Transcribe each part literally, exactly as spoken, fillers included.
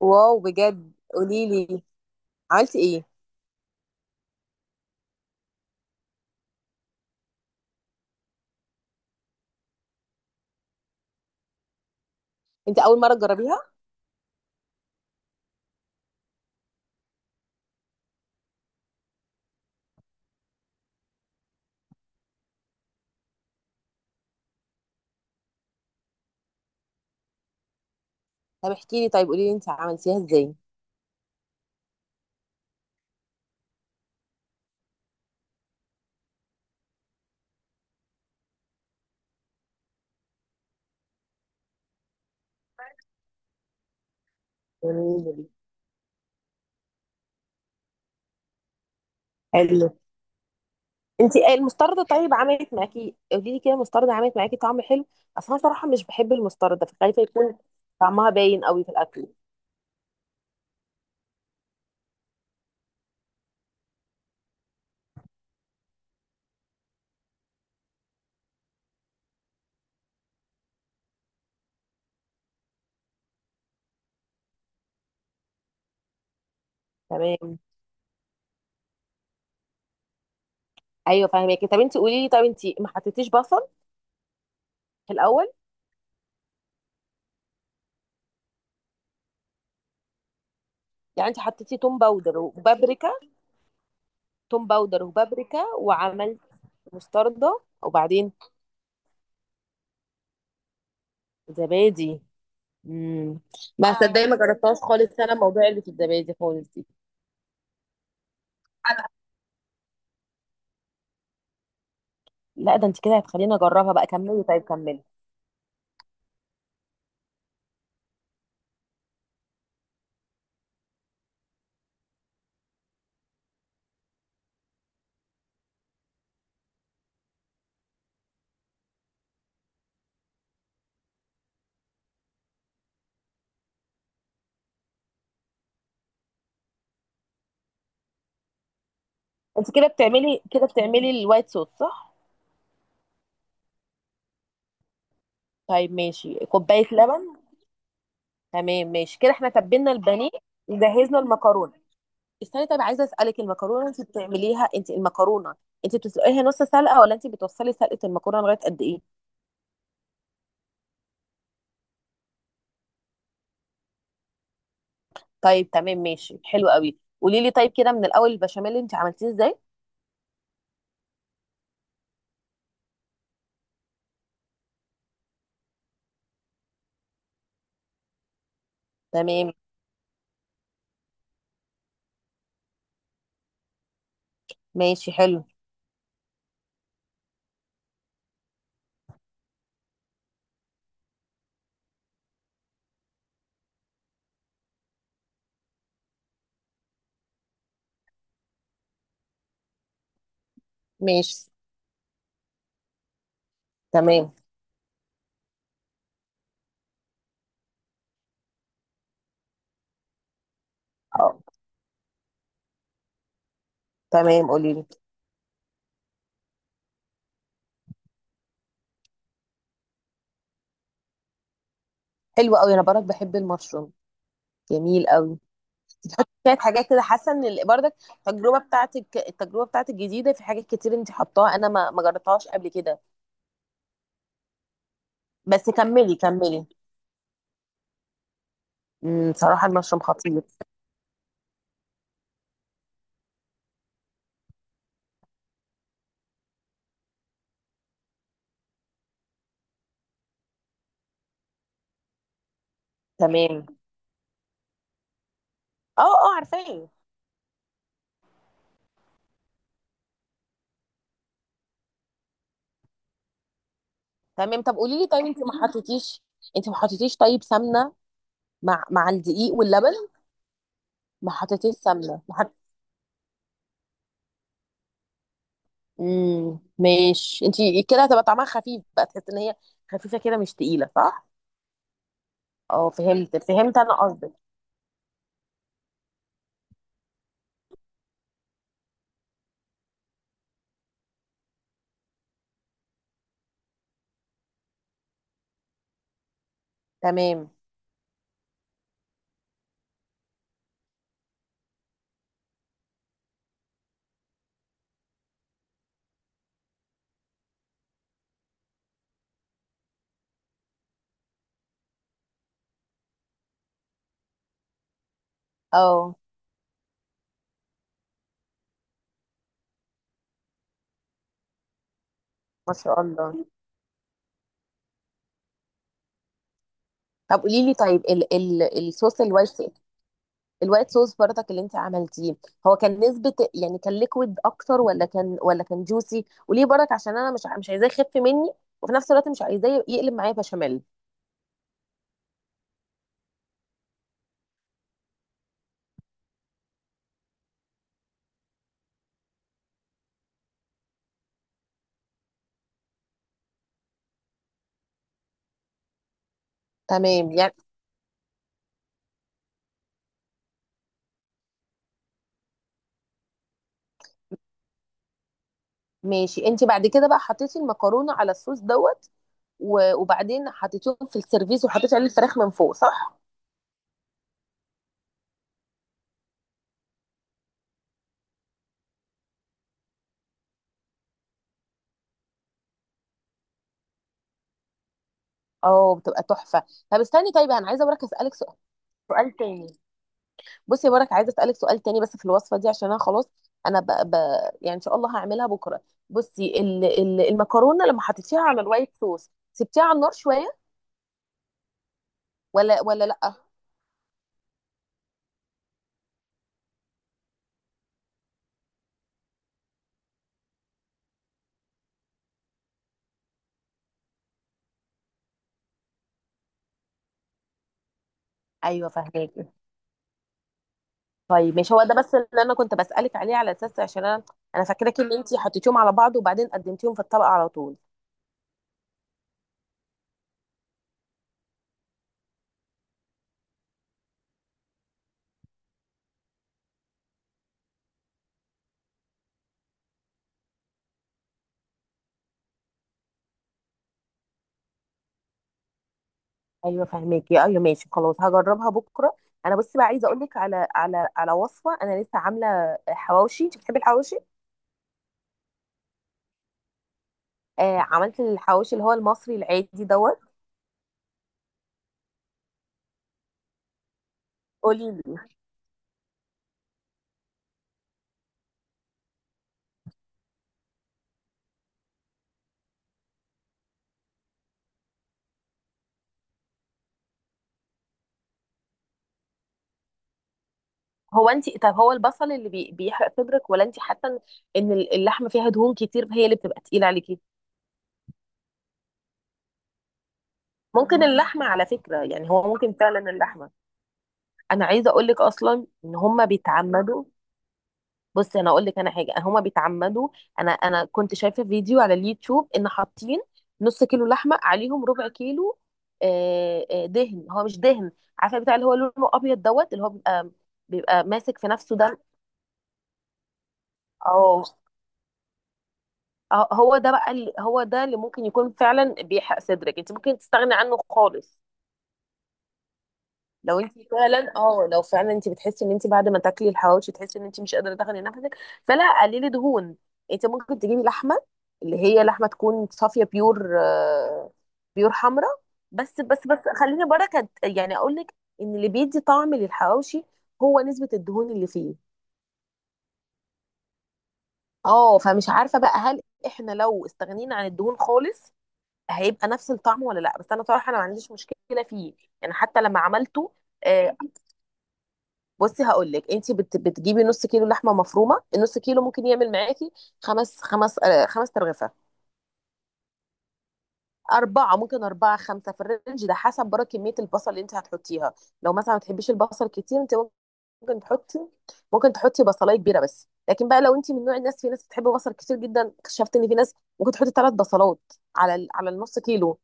واو، بجد قولي لي. عملتي ايه؟ انت اول مره تجربيها؟ طب احكي لي، طيب قولي لي انت عملتيها ازاي؟ جميل. حلو. انت المستردة طيب، عملت معاكي؟ قولي لي كده، المستردة عملت معاكي طعم حلو؟ اصل انا صراحه مش بحب المستردة، فخايفه يكون طعمها باين قوي في الاكل. تمام. ايوه فاهمك، طب انت قولي لي، طب انت ما حطيتيش بصل في الاول؟ يعني انت حطيتي توم باودر وبابريكا؟ توم باودر وبابريكا، وعملت مستردة وبعدين؟ زبادي. امم ما اه صدقني، ما جربتهاش خالص، انا الموضوع اللي في الزبادي خالص دي. انا لا، ده انت كده هتخليني اجربها بقى. كملي، طيب كملي. انت كده بتعملي كده بتعملي الوايت صوص، صح؟ طيب ماشي، كوبايه لبن. تمام ماشي كده، احنا تبلنا البانيه وجهزنا المكرونه. استني، طيب عايزه اسالك، المكرونه انت بتعمليها انت المكرونه انت بتسلقيها نص سلقه ولا انت بتوصلي سلقه المكرونه لغايه قد ايه؟ طيب تمام ماشي، حلو قوي، قولي لي طيب، كده من الاول، البشاميل انت عملتيه ازاي؟ تمام. ماشي، حلو. ماشي. تمام. اه، تمام قولي لي. حلو قوي، انا برضك بحب المشروم. جميل قوي. كانت حاجات كده، حاسه ان ال- برضك التجربه بتاعتك التجربه بتاعتك جديده في حاجات كتير انت حطاها، انا ما ما جربتهاش قبل كده. بس كملي كملي. امم صراحه المشروم خطير. تمام. اه، اه، عارفاه. تمام، طب قولي لي، طيب انت ما حطيتيش انت ما حطيتيش طيب سمنه مع مع الدقيق واللبن؟ ما حطيتيش سمنه، ما حط... امم ماشي. انت كده هتبقى طعمها خفيف بقى، تحس ان هي خفيفه كده، مش تقيله، صح؟ اه، فهمت فهمت انا قصدك. تمام. اه. ما شاء الله. طب قولي لي، طيب ال ال الصوص الوايت الوايت صوص برضك اللي انت عملتيه، هو كان نسبة، يعني كان ليكويد اكتر ولا كان ولا كان جوسي؟ وليه برضك؟ عشان انا مش مش عايزاه يخف مني، وفي نفس الوقت مش عايزاه يقلب معايا بشاميل. تمام، يعني. ماشي، انت بعد كده بقى حطيتي المكرونة على الصوص، دوت؟ و- وبعدين حطيتيهم في السيرفيس وحطيتي عليه الفراخ من فوق، صح؟ اه، بتبقى تحفة. طب استني، طيب انا عايزة برضك اسألك سؤال سؤال تاني. بصي يا برك، عايزه اسالك سؤال تاني بس في الوصفه دي، عشان انا خلاص، انا ب... ب... يعني ان شاء الله هعملها بكره. بصي ال... ال... المكرونه لما حطيتيها على الوايت صوص سبتيها على النار شويه؟ ولا ولا لا. ايوه فهمك. طيب مش هو ده بس اللي انا كنت بسالك عليه، على اساس عشان انا انا فاكراكي ان انت حطيتيهم على بعض وبعدين قدمتيهم في الطبق على طول. ايوه فهماكي، ايوه ماشي، خلاص هجربها بكره. انا بصي بقى عايزه اقول لك على على على وصفه، انا لسه عامله حواوشي، انت بتحبي الحواوشي؟ آه، عملت الحواوشي اللي هو المصري العادي، دوت. قولي لي. هو انت طب هو البصل اللي بي... بيحرق صدرك، ولا انت حاسه ان إن اللحمه فيها دهون كتير هي اللي بتبقى تقيله عليكي؟ ممكن اللحمه على فكره، يعني هو ممكن فعلا اللحمه. انا عايزه اقول لك اصلا ان هم بيتعمدوا. بصي انا اقول لك، انا حاجه هم بيتعمدوا. انا انا كنت شايفه فيديو على اليوتيوب ان حاطين نص كيلو لحمه عليهم ربع كيلو، آه، آه، دهن، هو مش دهن. عارفه بتاع اللي هو لونه ابيض، دوت، اللي هو بيبقى بيبقى ماسك في نفسه ده. اه. اه، هو ده بقى، اللي هو ده اللي ممكن يكون فعلا بيحرق صدرك، انت ممكن تستغني عنه خالص. لو انت فعلا اه لو فعلا انت بتحسي ان انت بعد ما تاكلي الحواوشي، تحسي ان انت مش قادره تاخدي نفسك. فلا، قللي دهون. انت ممكن تجيبي لحمه، اللي هي لحمه تكون صافيه، بيور آه، بيور حمراء. بس بس بس خليني بركه، يعني اقول لك ان اللي بيدي طعم للحواوشي هو نسبه الدهون اللي فيه. اه، فمش عارفه بقى، هل احنا لو استغنينا عن الدهون خالص هيبقى نفس الطعم ولا لا؟ بس انا صراحه انا ما عنديش مشكله فيه. يعني حتى لما عملته، آه، بصي هقول لك، انت بت بتجيبي نص كيلو لحمه مفرومه، النص كيلو ممكن يعمل معاكي خمس خمس آه، خمس ترغفه. اربعه، ممكن اربعه خمسه، في الرينج ده حسب بره كميه البصل اللي انت هتحطيها. لو مثلا ما تحبيش البصل كتير، انت ممكن تحطي ممكن تحطي بصلايه كبيره، بس لكن بقى لو انت من نوع الناس، في ناس بتحب بصل كتير جدا، اكتشفت ان في ناس ممكن تحطي ثلاث بصلات على ال- على النص كيلو.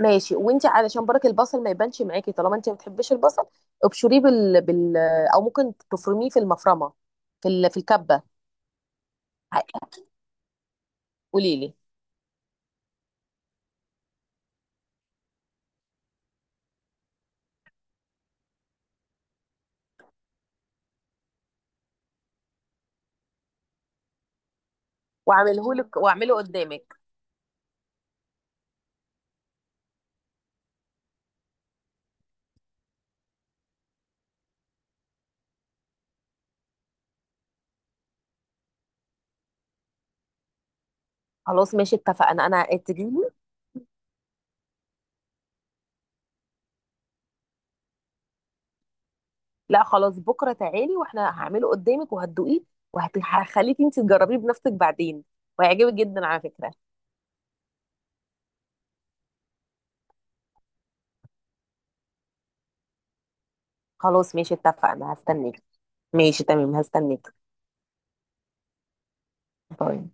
ماشي، وانت علشان برك البصل ما يبانش معاكي طالما انت ما بتحبيش البصل، ابشريه بال... بال او ممكن تفرميه في المفرمه، في ال... في الكبه. قولي لي. واعمله لك، واعمله قدامك. خلاص ماشي اتفقنا، انا تجيلي. لا خلاص، بكره تعالي واحنا هعمله قدامك وهتدوقيه، وهخليكي انت تجربيه بنفسك بعدين، وهيعجبك جدا على فكره. خلاص ماشي اتفقنا، هستنيك. ماشي تمام، هستنيك. باي.